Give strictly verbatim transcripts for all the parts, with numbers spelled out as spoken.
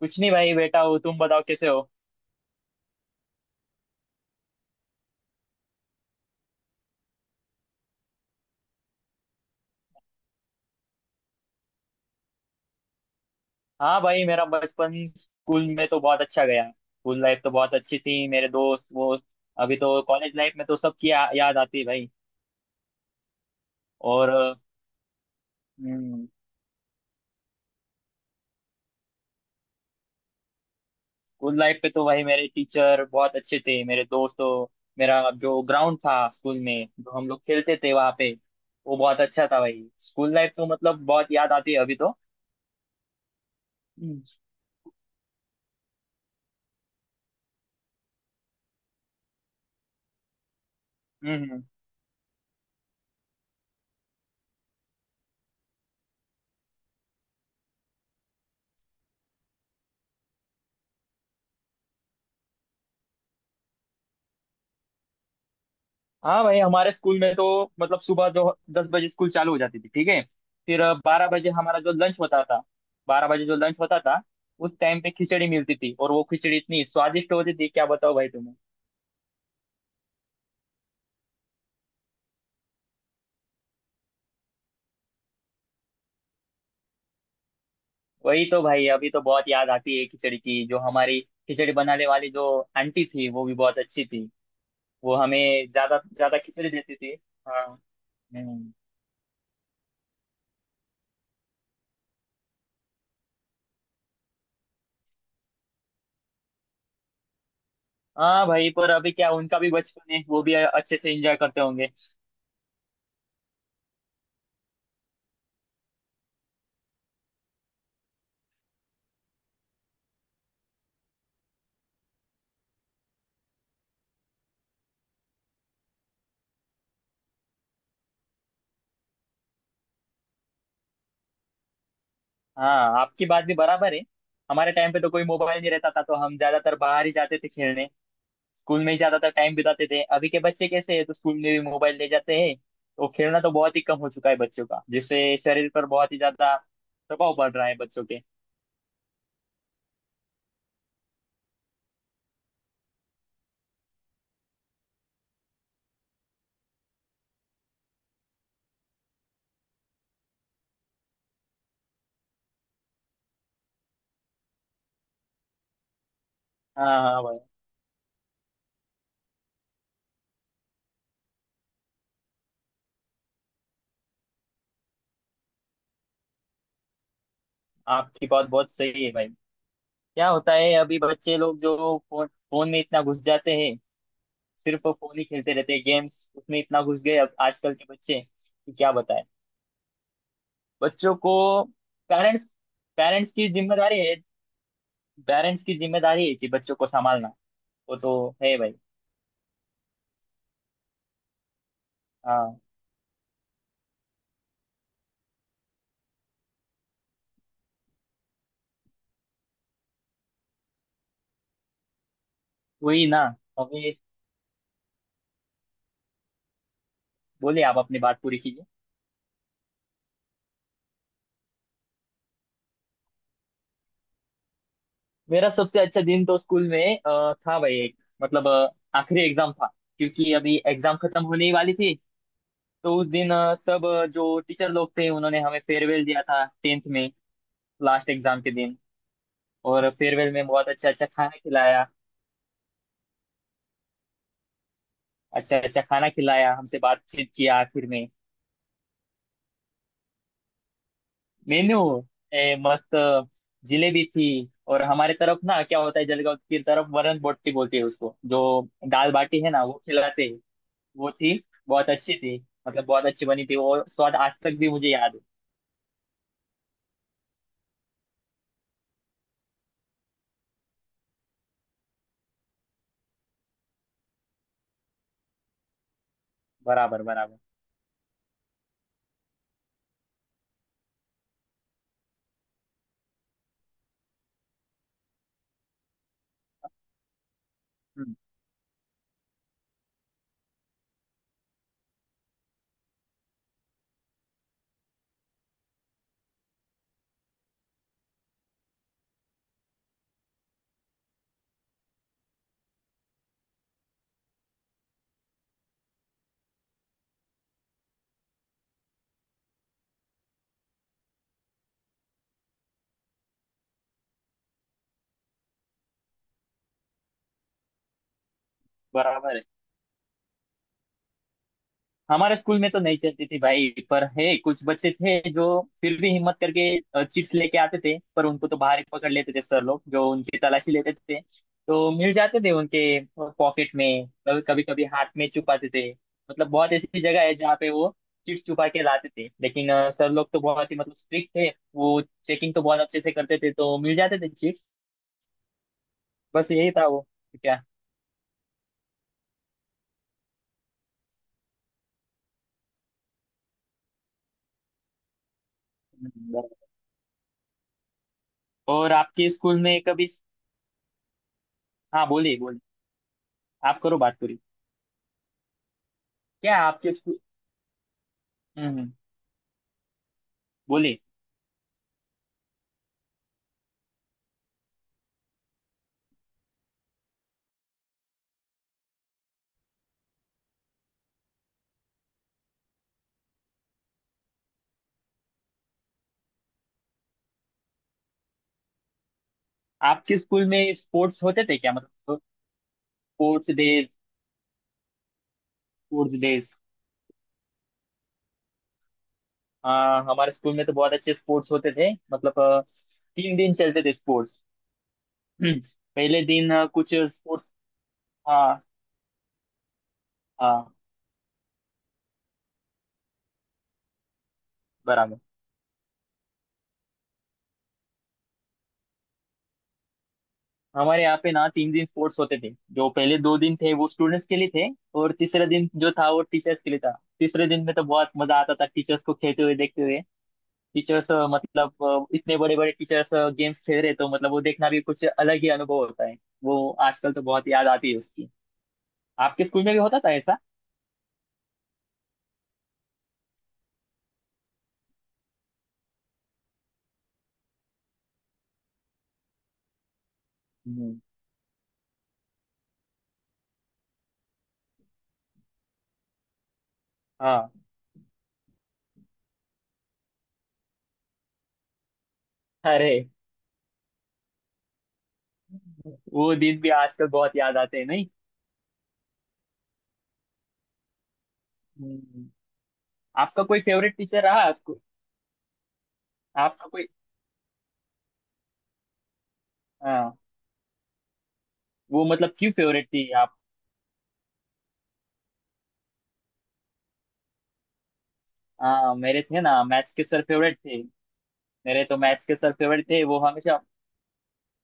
कुछ नहीं भाई। बेटा हो तुम, बताओ कैसे हो। हाँ भाई, मेरा बचपन स्कूल में तो बहुत अच्छा गया। स्कूल लाइफ तो बहुत अच्छी थी, मेरे दोस्त वोस्त। अभी तो कॉलेज लाइफ में तो सबकी या, याद आती है भाई। और हम्म, स्कूल लाइफ पे तो भाई मेरे टीचर बहुत अच्छे थे। मेरे दोस्त तो मेरा जो ग्राउंड था स्कूल में जो हम लोग खेलते थे वहाँ पे, वो बहुत अच्छा था भाई। स्कूल लाइफ तो मतलब बहुत याद आती है अभी तो। हम्म हम्म हम्म। हाँ भाई, हमारे स्कूल में तो मतलब सुबह जो दस बजे स्कूल चालू हो जाती थी, ठीक है। फिर बारह बजे हमारा जो लंच होता था। बारह बजे जो लंच होता था, उस टाइम पे खिचड़ी मिलती थी। और वो खिचड़ी इतनी स्वादिष्ट होती थी, क्या बताओ भाई तुम्हें। वही तो भाई, अभी तो बहुत याद आती है खिचड़ी की। जो हमारी खिचड़ी बनाने वाली जो आंटी थी वो भी बहुत अच्छी थी। वो हमें ज्यादा ज्यादा खिचड़ी देती थी। हाँ हम्म। हाँ भाई, पर अभी क्या उनका भी बचपन है, वो भी अच्छे से एंजॉय करते होंगे। हाँ आपकी बात भी बराबर है। हमारे टाइम पे तो कोई मोबाइल नहीं रहता था, तो हम ज्यादातर बाहर ही जाते थे खेलने। स्कूल में ही ज्यादातर टाइम बिताते थे। अभी के बच्चे कैसे हैं तो स्कूल में भी मोबाइल ले जाते हैं, तो खेलना तो बहुत ही कम हो चुका है बच्चों का, जिससे शरीर पर बहुत ही ज्यादा प्रभाव पड़ रहा है बच्चों के। हाँ हाँ भाई। आपकी बात बहुत सही है भाई। क्या होता है, अभी बच्चे लोग जो फोन फोन में इतना घुस जाते हैं। सिर्फ फोन ही खेलते रहते हैं, गेम्स उसमें इतना घुस गए अब आजकल के बच्चे, कि क्या बताएं बच्चों को। पेरेंट्स पेरेंट्स की जिम्मेदारी है। पेरेंट्स की जिम्मेदारी है कि बच्चों को संभालना। वो तो है भाई। हाँ वही ना, अभी। बोलिए, आप अपनी बात पूरी कीजिए। मेरा सबसे अच्छा दिन तो स्कूल में अ, था भाई एक। मतलब अ, आखिरी एग्जाम था। क्योंकि अभी एग्जाम खत्म होने ही वाली थी। तो उस दिन अ, सब अ, जो टीचर लोग थे उन्होंने हमें फेयरवेल दिया था टेंथ में लास्ट एग्जाम के दिन। और फेयरवेल में बहुत अच्छा अच्छा खाना खिलाया। अच्छा अच्छा खाना खिलाया, हमसे बातचीत किया आखिर में। मेन्यू ए मस्त। जिलेबी थी। और हमारे तरफ ना, क्या होता है, जलगांव की तरफ वरण बोटी बोलते हैं उसको। जो दाल बाटी है ना, वो खिलाते हैं, वो थी। बहुत अच्छी थी। मतलब बहुत अच्छी बनी थी, वो स्वाद आज तक भी मुझे याद है। बराबर बराबर। हम्म, बराबर है। हमारे स्कूल में तो नहीं चलती थी भाई, पर है कुछ बच्चे थे जो फिर भी हिम्मत करके चिप्स लेके आते थे। पर उनको तो बाहर ही पकड़ लेते थे सर लोग, जो उनकी तलाशी लेते थे तो मिल जाते थे उनके पॉकेट में। कभी कभी कभी हाथ में छुपाते थे। मतलब बहुत ऐसी जगह है जहाँ पे वो चिप्स छुपा के लाते थे। लेकिन अ, सर लोग तो बहुत ही मतलब स्ट्रिक्ट थे। वो चेकिंग तो बहुत अच्छे से करते थे, तो मिल जाते थे चिप्स। बस यही था वो। क्या? हम्म, बराबर। और आपके स्कूल में कभी? हाँ बोलिए बोलिए। आप करो बात पूरी। क्या आपके स्कूल? हम्म। बोलिए। आपके स्कूल में स्पोर्ट्स होते थे क्या, मतलब स्पोर्ट्स डेज? Sports days. हाँ हमारे स्कूल में तो बहुत अच्छे स्पोर्ट्स होते थे, मतलब अ, तीन दिन चलते थे स्पोर्ट्स। हम्म, पहले दिन अ, कुछ स्पोर्ट्स। हाँ हाँ बराबर। हमारे यहाँ पे ना तीन दिन स्पोर्ट्स होते थे। जो पहले दो दिन थे वो स्टूडेंट्स के लिए थे। और तीसरा दिन जो था वो टीचर्स के लिए था। तीसरे दिन में तो बहुत मजा आता था टीचर्स को खेलते हुए देखते हुए। टीचर्स मतलब अ, इतने बड़े बड़े टीचर्स गेम्स खेल रहे, तो मतलब वो देखना भी कुछ अलग ही अनुभव होता है। वो आजकल तो बहुत याद आती है उसकी। आपके स्कूल में भी होता था ऐसा? हम्म, हाँ। अरे, वो दिन भी आजकल बहुत याद आते हैं, नहीं? हम्म। आपका आपका कोई फेवरेट टीचर रहा स्कूल? आपका कोई? हाँ वो मतलब क्यों फेवरेट थी आप? हाँ मेरे थे ना, मैथ्स के सर फेवरेट थे। मेरे तो मैथ्स के सर फेवरेट थे, वो हमेशा।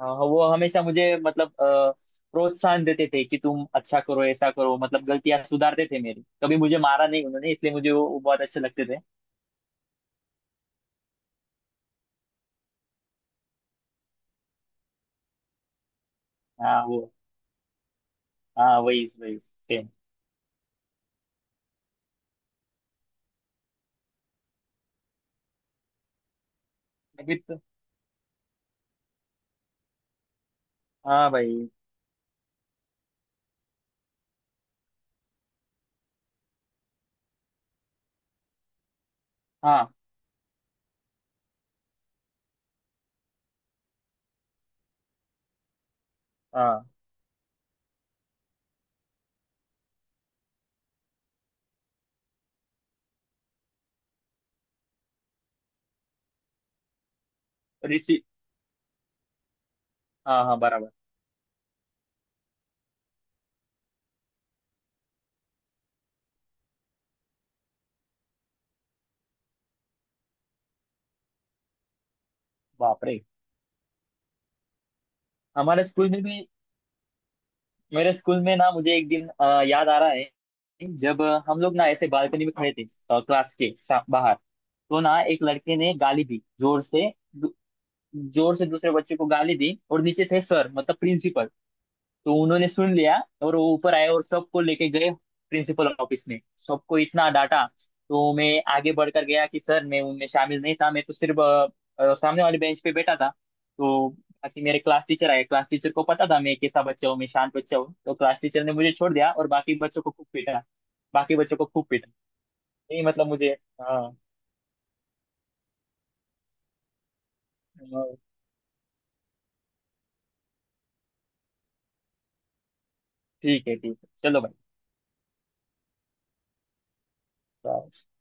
हाँ हाँ, वो हमेशा मुझे मतलब अ, प्रोत्साहन देते थे कि तुम अच्छा करो ऐसा करो, मतलब गलतियां सुधारते थे मेरी। कभी मुझे मारा नहीं उन्होंने, इसलिए मुझे वो, वो बहुत अच्छे लगते थे। हाँ वो। हाँ वही वही सेम। अभी तो हाँ भाई। हाँ हाँ। ऋषि। हाँ हाँ बराबर। बाप रे। हमारे स्कूल में भी। मेरे स्कूल में ना, मुझे एक दिन अ, याद आ रहा है। जब हम लोग ना ऐसे बालकनी में खड़े थे, अ, क्लास के सा- बाहर। तो ना एक लड़के ने गाली दी जोर से। जोर से दूसरे बच्चे को गाली दी, और नीचे थे सर, मतलब प्रिंसिपल। तो उन्होंने सुन लिया। और वो ऊपर आए और सबको लेके गए। प्रिंसिपल ऑफिस में सबको इतना डांटा। तो मैं आगे बढ़कर गया कि सर मैं उनमें शामिल नहीं था, मैं तो सिर्फ अ, अ, सामने वाले बेंच पे बैठा था तो। बाकी मेरे क्लास टीचर आए, क्लास टीचर को पता था मैं कैसा बच्चा हूँ, मैं शांत बच्चा हूँ, तो क्लास टीचर ने मुझे छोड़ दिया और बाकी बच्चों को खूब पीटा। बाकी बच्चों को खूब पीटा। नहीं मतलब मुझे। हाँ हाँ, ठीक है ठीक है चलो भाई।